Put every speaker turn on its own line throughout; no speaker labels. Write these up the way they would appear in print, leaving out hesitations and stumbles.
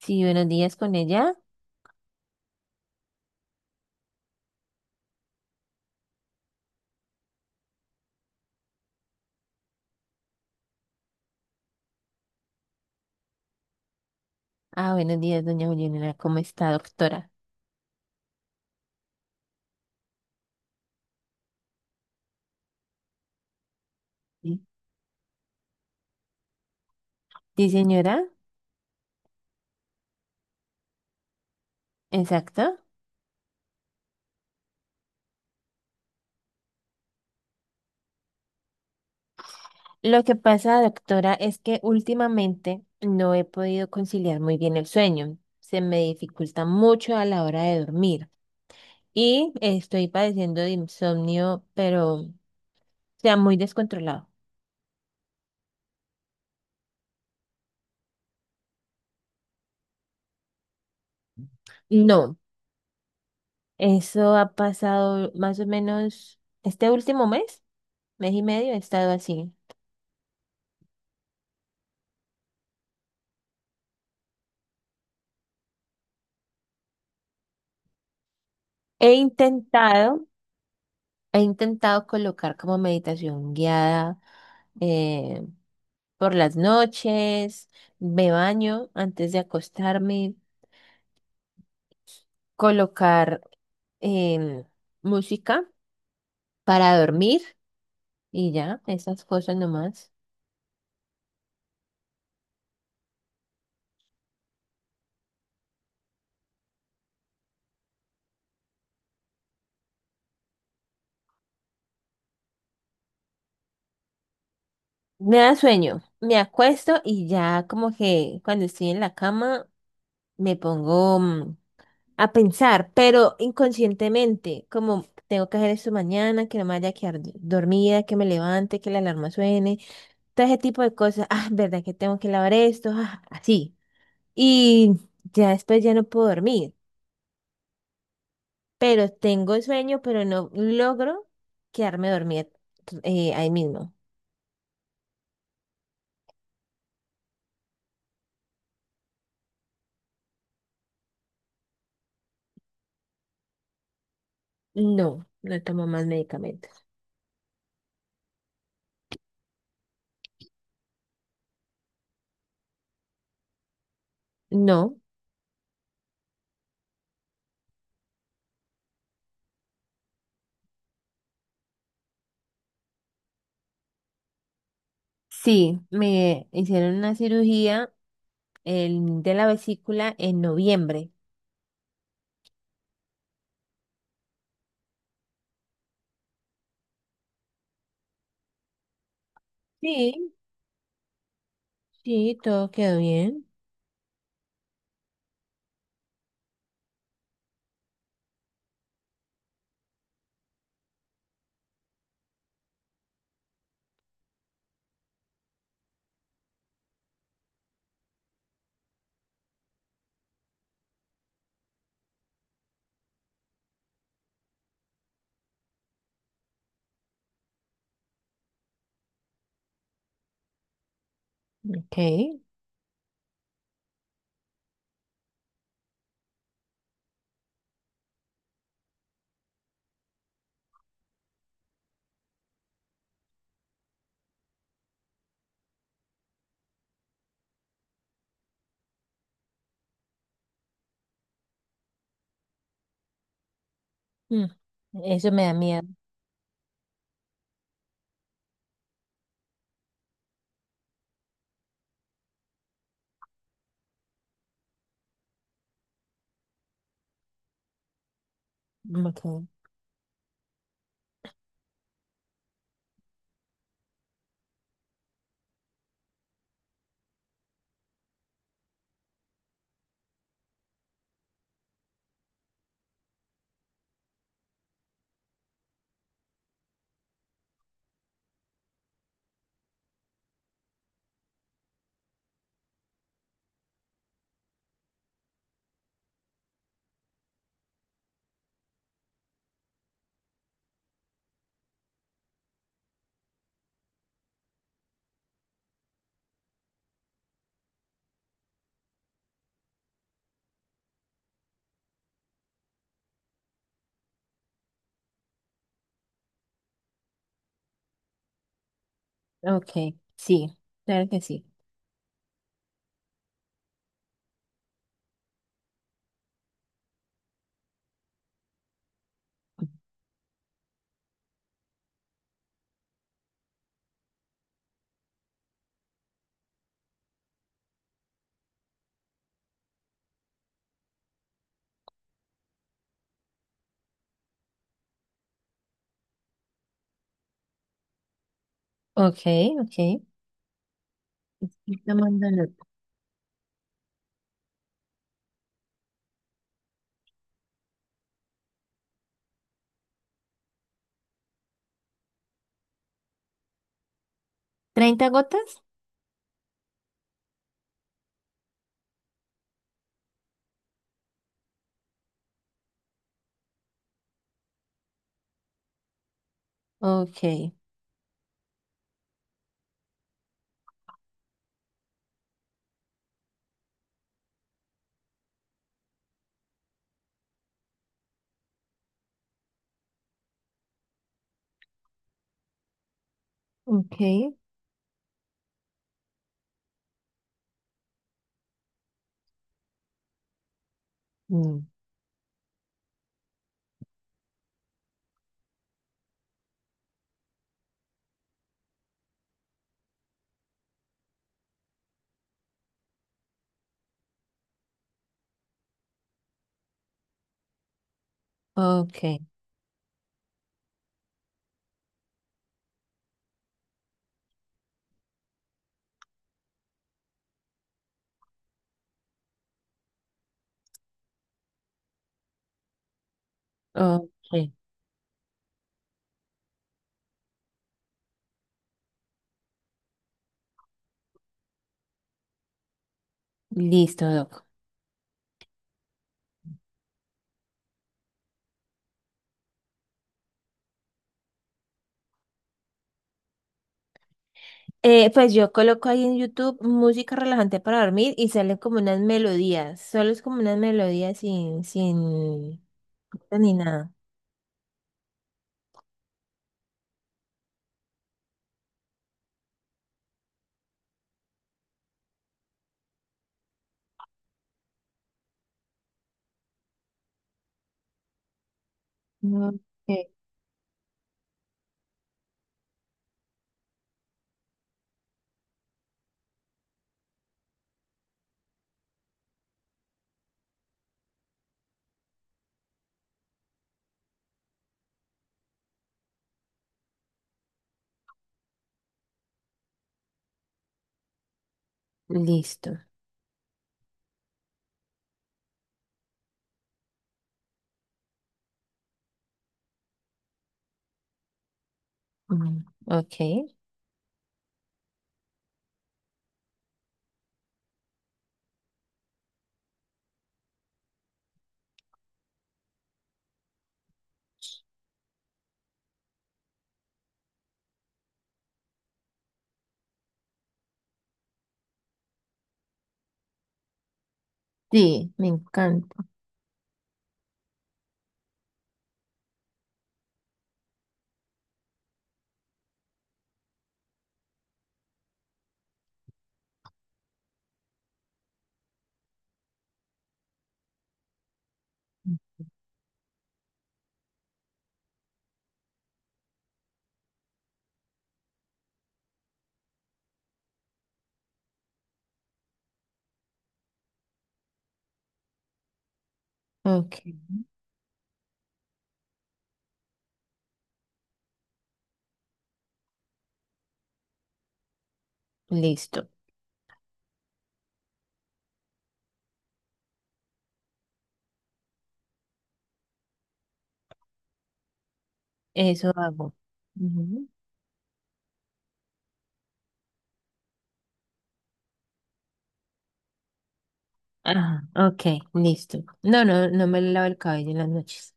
Sí, buenos días con ella. Ah, buenos días, doña Juliana. ¿Cómo está, doctora? Sí, sí, señora. Exacto. Lo que pasa, doctora, es que últimamente no he podido conciliar muy bien el sueño. Se me dificulta mucho a la hora de dormir y estoy padeciendo de insomnio, pero, o sea, muy descontrolado. No, eso ha pasado más o menos este último mes, mes y medio, he estado así. He intentado He intentado colocar como meditación guiada, eh, por las noches, me baño antes de acostarme, colocar, em, música para dormir y ya, esas cosas nomás. Me da sueño, me acuesto y ya como que cuando estoy en la cama me pongo a pensar, pero inconscientemente, como tengo que hacer esto mañana, que no me vaya a quedar dormida, que me levante, que la alarma suene, todo ese tipo de cosas. Ah, verdad que tengo que lavar esto, ah, así. Y ya después ya no puedo dormir, pero tengo sueño, pero no logro quedarme dormida ahí mismo. No, no tomo más medicamentos. No, sí, me hicieron una cirugía, de la vesícula en noviembre. Sí, sí, todo quedó bien. Ok. Mm. Eso me da miedo. Ok, ok, sí, claro que sí. Ok, ok. Está mandando… ¿30 gotas? Ok, ok, mm, ok, ok. Listo, doc. Pues yo coloco ahí en YouTube música relajante para dormir y salen como unas melodías. Solo es como unas melodías sin corte ni nada. Ok, listo. Mm. Ok, sí, me encanta. Ok, listo. Eso hago. Ujú. Ajá, ok, listo. No, no, no me lavo el cabello en las noches.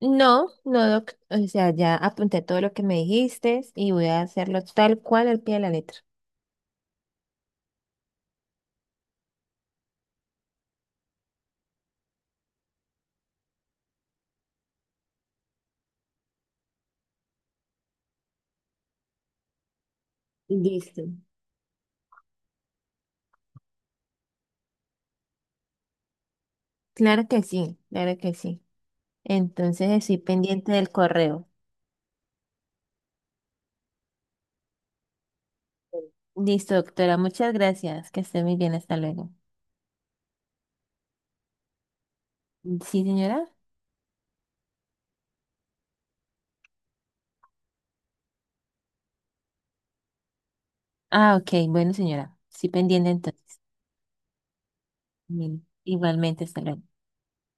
No, no, doc. O sea, ya apunté todo lo que me dijiste y voy a hacerlo tal cual al pie de la letra. Listo. Claro que sí, claro que sí. Entonces estoy pendiente del correo. Listo, doctora, muchas gracias. Que esté muy bien, hasta luego. ¿Sí, señora? Ah, ok, bueno, señora. Sí, pendiente entonces. Mm. Igualmente, hasta luego.